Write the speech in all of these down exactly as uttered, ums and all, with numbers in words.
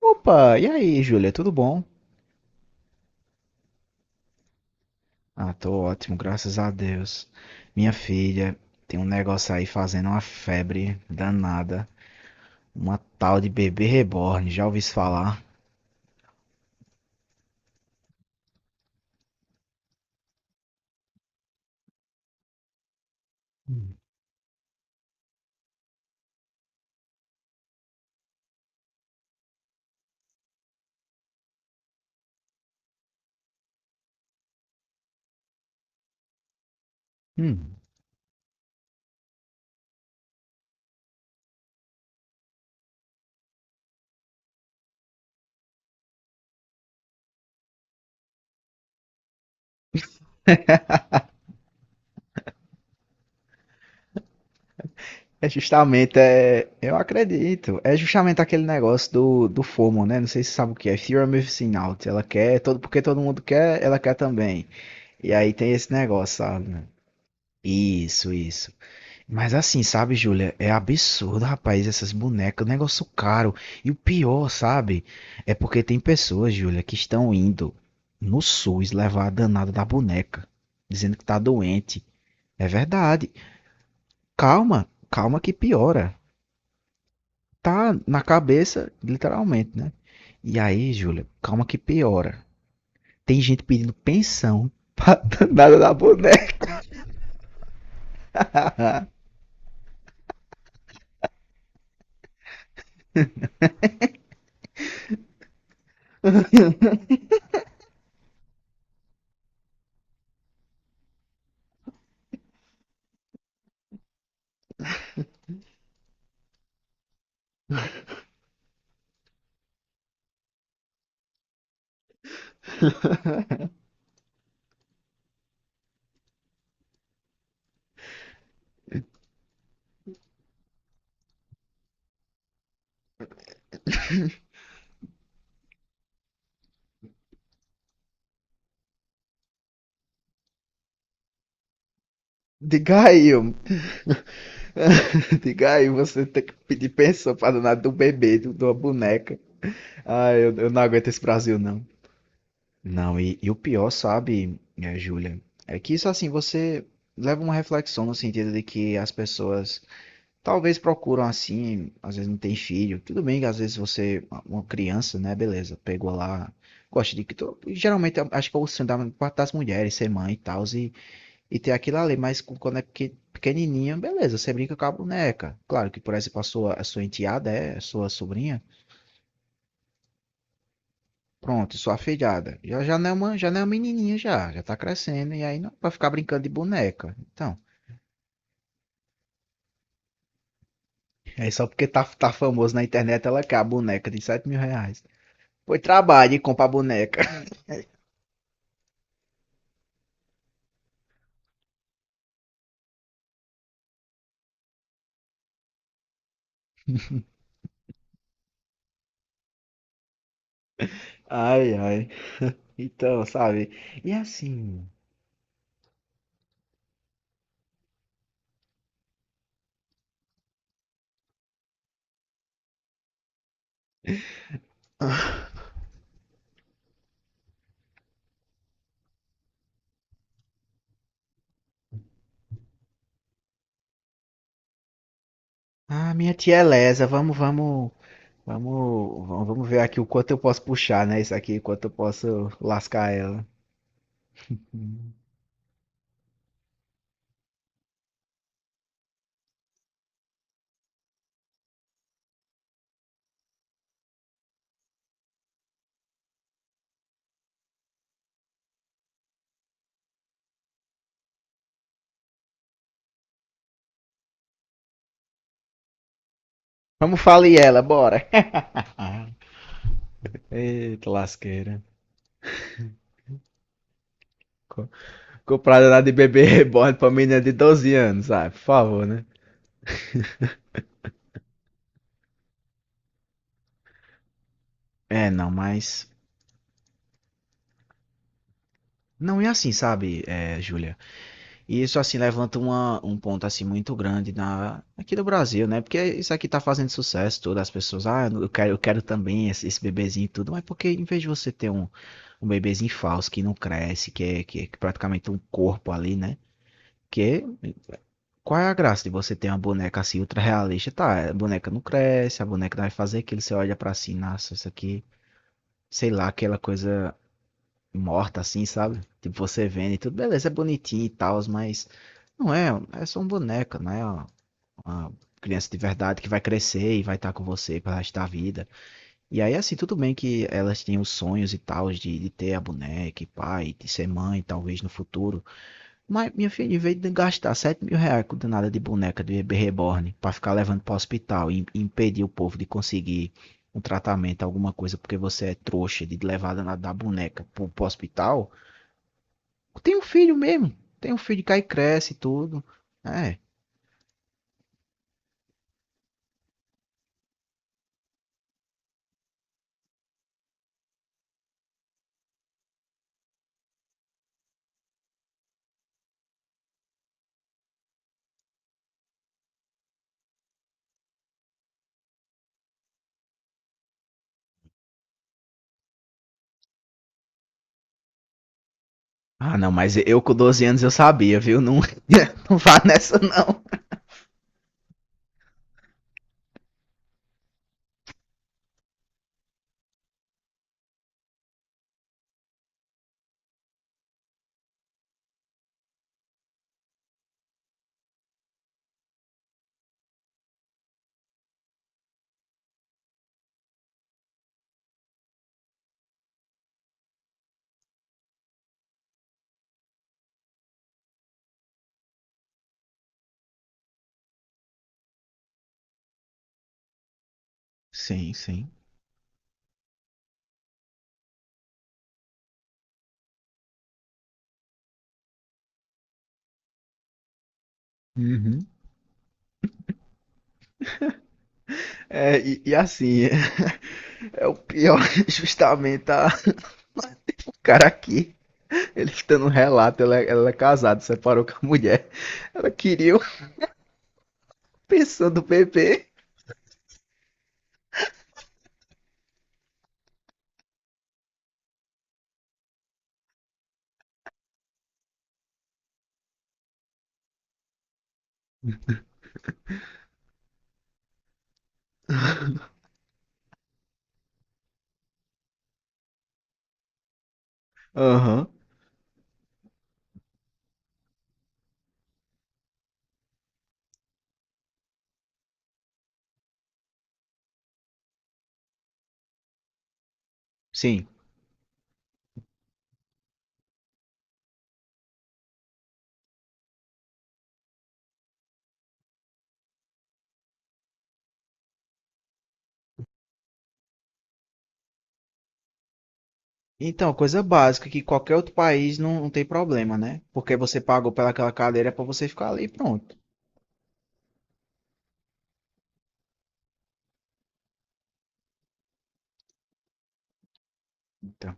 Opa, e aí, Júlia, tudo bom? Ah, tô ótimo, graças a Deus. Minha filha tem um negócio aí fazendo uma febre danada, uma tal de bebê reborn, já ouvi isso falar? Hum. Hum. É justamente, é, eu acredito, é justamente aquele negócio do, do FOMO, né? Não sei se você sabe o que é, Fear of Missing Out. Ela quer, todo, porque todo mundo quer, ela quer também. E aí tem esse negócio, sabe? Isso, isso. Mas assim, sabe, Júlia? É absurdo, rapaz, essas bonecas, negócio caro. E o pior, sabe? É porque tem pessoas, Júlia, que estão indo no SUS levar a danada da boneca, dizendo que tá doente. É verdade. Calma, calma que piora. Tá na cabeça, literalmente, né? E aí, Júlia, calma que piora. Tem gente pedindo pensão pra danada da boneca. Diga aí, ô, diga aí, você tem que pedir pensão pra danar do bebê, do, da boneca. Ah, eu, eu não aguento esse Brasil, não. Não, e, e o pior, sabe, é, Júlia, é que isso assim, você leva uma reflexão no sentido de que as pessoas talvez procuram assim, às vezes não tem filho, tudo bem que às vezes você, uma criança, né, beleza, pegou lá, gosta de que, geralmente eu acho que é o sonho da maior parte das mulheres ser mãe e tal, e e tem aquilo ali, mas com- quando é pequen- pequenininha, beleza, você brinca com a boneca. Claro que, por exemplo, a sua, a sua enteada é, a sua sobrinha, pronto, sua afilhada. Já, já não é uma, já não é uma menininha já, já tá crescendo, e aí não é pra ficar brincando de boneca. Então, é só porque tá, tá famoso na internet, ela quer a boneca de sete mil reais. Foi trabalho e compra a boneca. Ai, ai. Então, sabe? E assim... Ah, minha tia Elesa, vamos, vamos vamos, vamos vamos ver aqui o quanto eu posso puxar, né? Isso aqui, o quanto eu posso lascar ela. Hum. Vamos falir ela, bora. Ah, eita lasqueira. Co- Comprada na de bebê reborn pra menina de doze anos, sabe? Por favor, né? É, não, mas. Não é assim, sabe, é, Júlia? E isso, assim, levanta uma- um ponto, assim, muito grande na, aqui no Brasil, né? Porque isso aqui tá fazendo sucesso, todas as pessoas, ah, eu quero, eu quero também esse, esse bebezinho e tudo, mas porque em vez de você ter um, um bebezinho falso que não cresce, que é, que é praticamente um corpo ali, né? Que qual é a graça de você ter uma boneca assim ultra realista? Tá, a boneca não cresce, a boneca não vai fazer aquilo, você olha pra si, nossa, isso aqui, sei lá, aquela coisa morta, assim, sabe? Tipo, você vende e tudo, beleza, é bonitinho e tal, mas não é, é só um boneco, né? É uma, uma criança de verdade que vai crescer e vai estar com você para resto da vida. E aí, assim, tudo bem que elas tinham os sonhos e tal de, de ter a boneca e pai, de ser mãe, talvez no futuro. Mas, minha filha, em vez de gastar sete mil reais com danada de boneca de bebê reborn para ficar levando para o hospital e e impedir o povo de conseguir um tratamento, alguma coisa, porque você é trouxa de levar a danada da boneca para o hospital, tem um filho mesmo. Tem um filho que aí cresce e tudo. É. Ah, não, mas eu com doze anos eu sabia, viu? Não, não vá nessa, não. Sim, sim. Uhum. É, e, e assim, é o pior, justamente a, o cara aqui, ele tá dando um relato, ela, ela é casada, separou com a mulher, ela queria pensando do bebê. Aham, sim. Então, coisa básica que qualquer outro país não, não tem problema, né? Porque você pagou pelaquela cadeira pra você ficar ali, pronto. Então,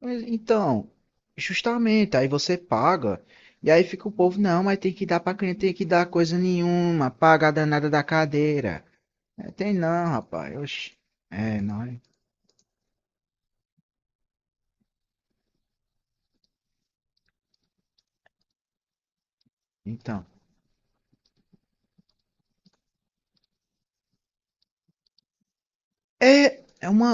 Mas, Então, justamente, aí você paga, e aí fica o povo, não, mas tem que dar pra criança, tem que dar coisa nenhuma, paga a danada da cadeira. É, tem não, rapaz, oxi. É, não, é? Então. É, é uma,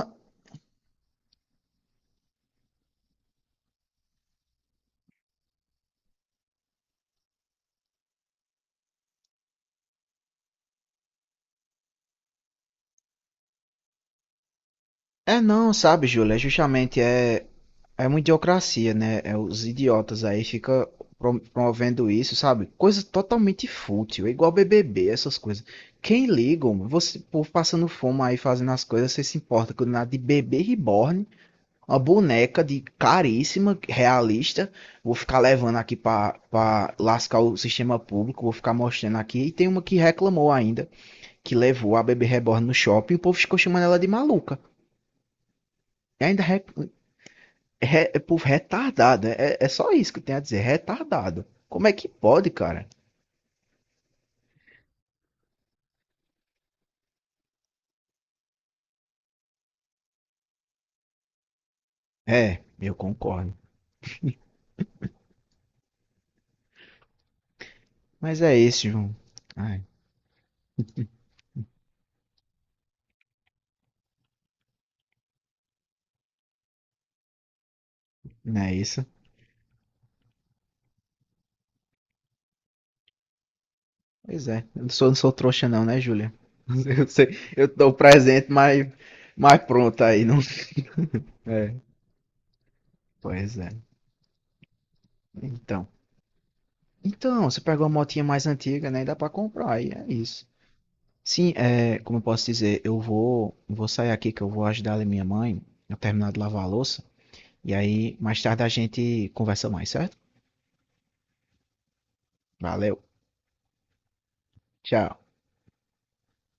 é, não, sabe, Júlia, é justamente é, é uma idiocracia, né? É os idiotas aí fica pro- promovendo isso, sabe? Coisa totalmente fútil, é igual B B B, essas coisas. Quem liga, mano? Você, povo passando fome aí fazendo as coisas, você se importa com nada de bebê reborn, uma boneca de caríssima, realista. Vou ficar levando aqui pra, pra lascar o sistema público, vou ficar mostrando aqui. E tem uma que reclamou ainda, que levou a bebê reborn no shopping, e o povo ficou chamando ela de maluca. E ainda Re, é povo retardado, né? é, é só isso que eu tenho a dizer, retardado. Como é que pode, cara? É, eu concordo. Mas é isso, João. Ai, não é isso? Pois é, eu não sou, não sou trouxa não, né, Júlia? Eu sei, eu dou presente, mas, mas pronto aí, não... É, pois é. Então, então, você pegou uma motinha mais antiga, né? Dá pra comprar, aí é isso. Sim, é, como eu posso dizer, eu vou, vou sair aqui que eu vou ajudar a minha mãe a terminar de lavar a louça. E aí, mais tarde a gente conversa mais, certo? Valeu, tchau.